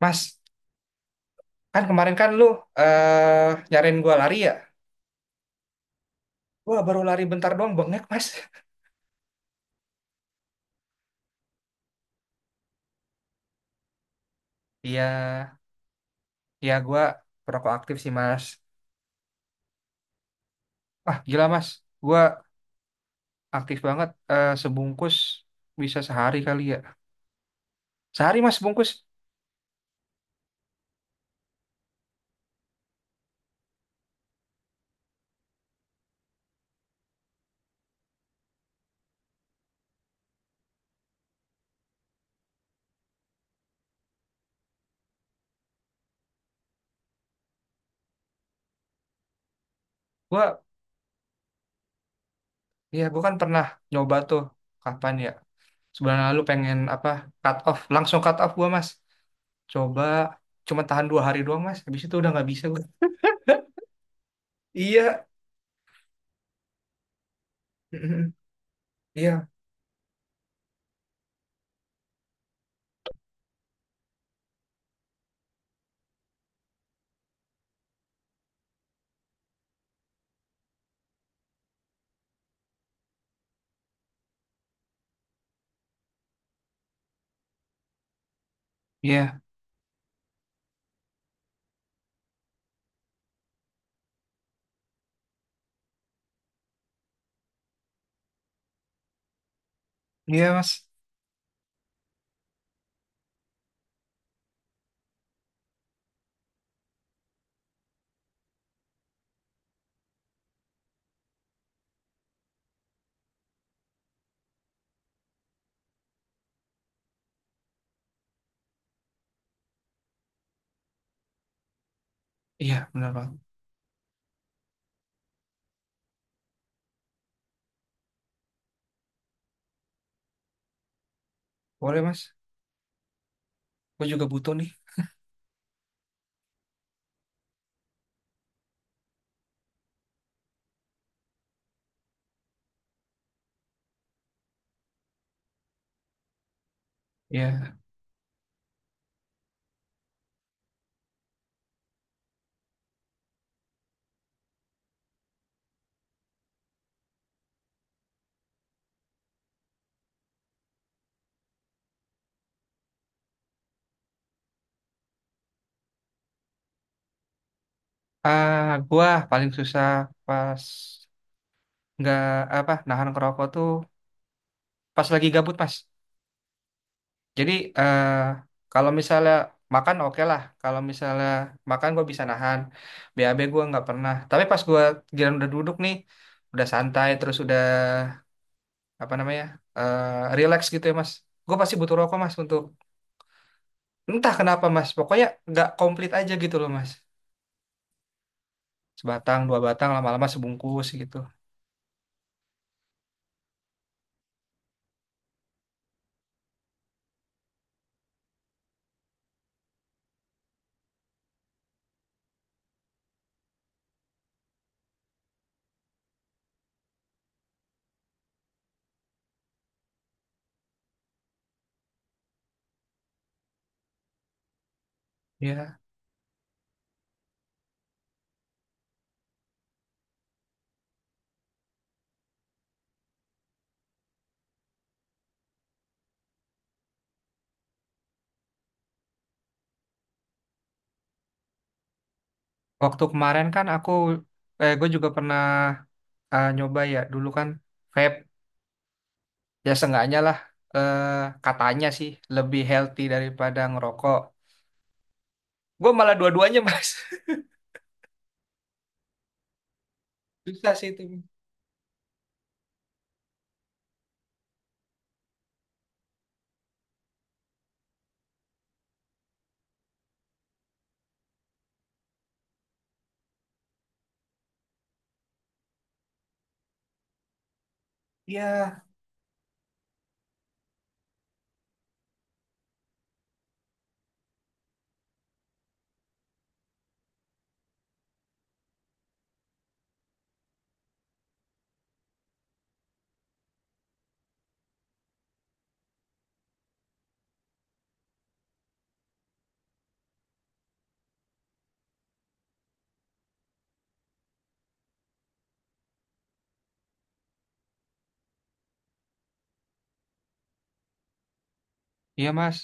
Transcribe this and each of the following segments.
Mas, kan kemarin kan lu nyariin gua lari ya? Gua baru lari bentar doang bengek, Mas. Iya, iya gua perokok aktif sih, Mas. Ah, gila, Mas. Gua aktif banget sebungkus bisa sehari kali ya. Sehari, Mas, bungkus. Gua iya, gua kan pernah nyoba tuh kapan ya? Sebulan lalu pengen apa? Cut off, langsung cut off gua, Mas. Coba cuma tahan 2 hari doang, Mas. Habis itu udah nggak bisa gua. Iya. Iya. Iya. Iya, Mas. Iya, benar banget. Boleh mas, gue juga butuh nih. Ya, ah gue paling susah pas nggak apa nahan kerokok tuh pas lagi gabut mas. Jadi eh kalau misalnya makan oke lah, kalau misalnya makan gue bisa nahan. BAB gue nggak pernah. Tapi pas gue giliran udah duduk nih, udah santai terus udah apa namanya eh relax gitu ya mas. Gue pasti butuh rokok mas untuk entah kenapa mas. Pokoknya nggak komplit aja gitu loh mas. Sebatang 2 batang lama-lama sebungkus gitu. Ya, waktu kemarin kan aku, eh, gue juga pernah nyoba ya. Dulu kan vape, ya seenggaknya lah eh, katanya sih lebih healthy daripada ngerokok. Gue malah dua-duanya mas. Susah sih itu. Iya, iya mas.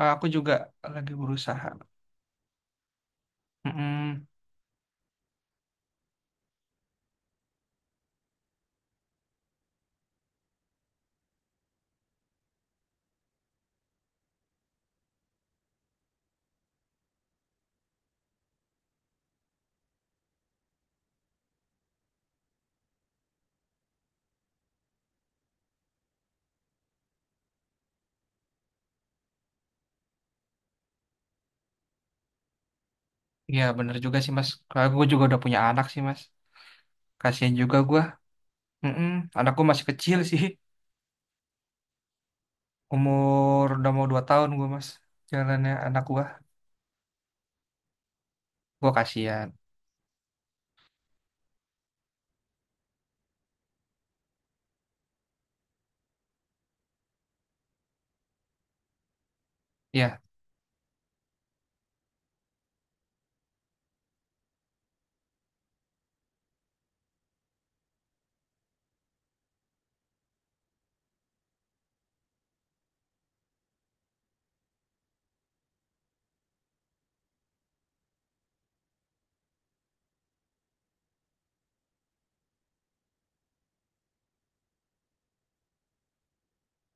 Aku juga lagi berusaha. Mm-mm. Iya bener juga sih mas. Karena gue juga udah punya anak sih mas. Kasian juga gue. Mm-mm. Anak gue masih kecil sih. Umur udah mau 2 tahun gue mas. Jalannya anak gue. Gue kasihan. Ya,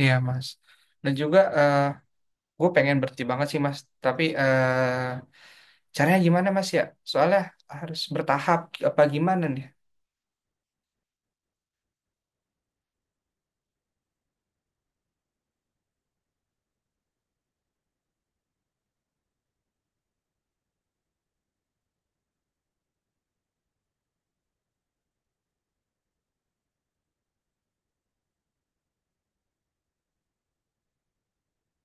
iya, Mas. Dan juga gue pengen berhenti banget sih, Mas. Tapi caranya gimana, Mas ya? Soalnya harus bertahap apa gimana nih?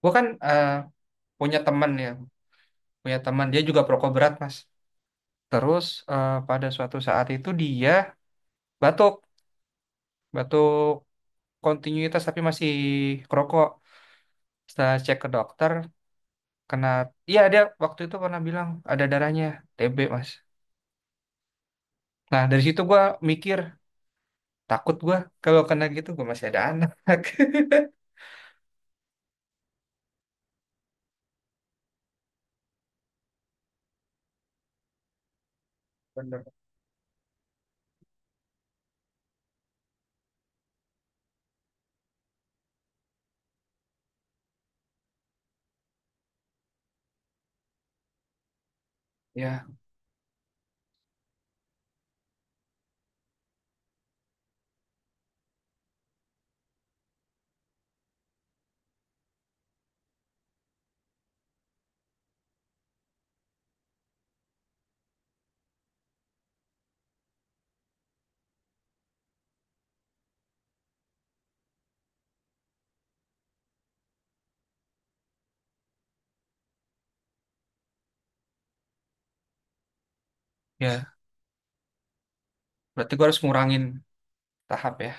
Gue kan punya teman ya, punya teman dia juga perokok berat, Mas. Terus pada suatu saat itu dia batuk, batuk kontinuitas tapi masih kerokok. Setelah cek ke dokter, kena, iya dia waktu itu pernah bilang ada darahnya TB, Mas. Nah dari situ gue mikir, takut gua kalau kena gitu gua masih ada anak. Bener. Ya, ya. Berarti gua harus ngurangin tahap ya.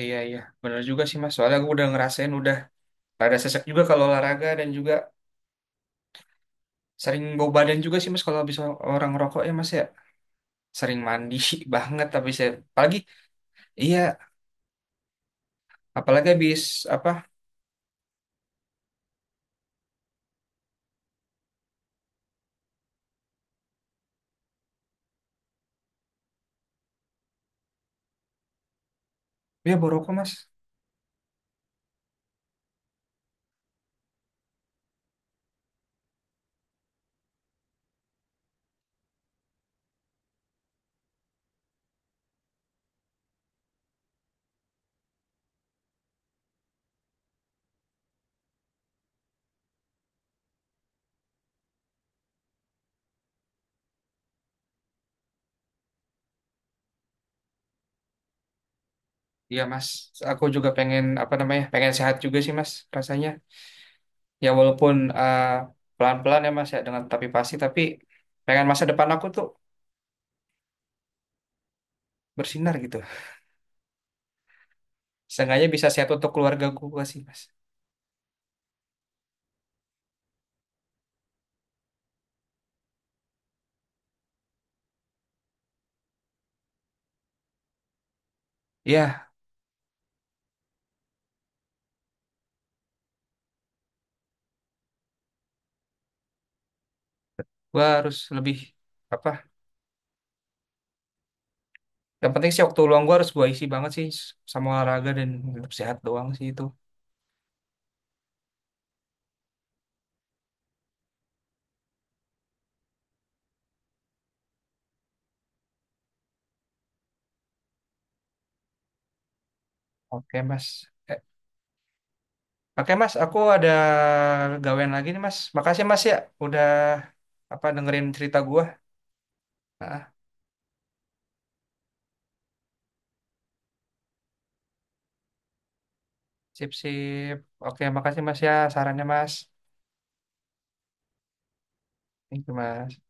Iya, iya. Bener juga sih mas. Soalnya gua udah ngerasain udah rada sesek juga kalau olahraga dan juga sering bau badan juga sih mas kalau habis orang rokok ya mas ya. Sering mandi banget tapi saya apalagi iya, apalagi habis apa ya bau rokok mas. Iya mas, aku juga pengen apa namanya pengen sehat juga sih mas rasanya. Ya walaupun pelan-pelan ya Mas ya, dengan tapi pasti, tapi pengen masa depan aku tuh bersinar gitu. Seenggaknya bisa sehat untuk keluarga gua sih Mas. Iya, gua harus lebih apa? Yang penting sih waktu luang gua harus gua isi banget sih sama olahraga dan hidup sehat doang sih itu. Oke Mas. Eh, Oke Mas, aku ada gawean lagi nih Mas. Makasih Mas ya udah apa dengerin cerita gua. Ah, sip sip. Oke, makasih Mas ya sarannya Mas. Thank you Mas.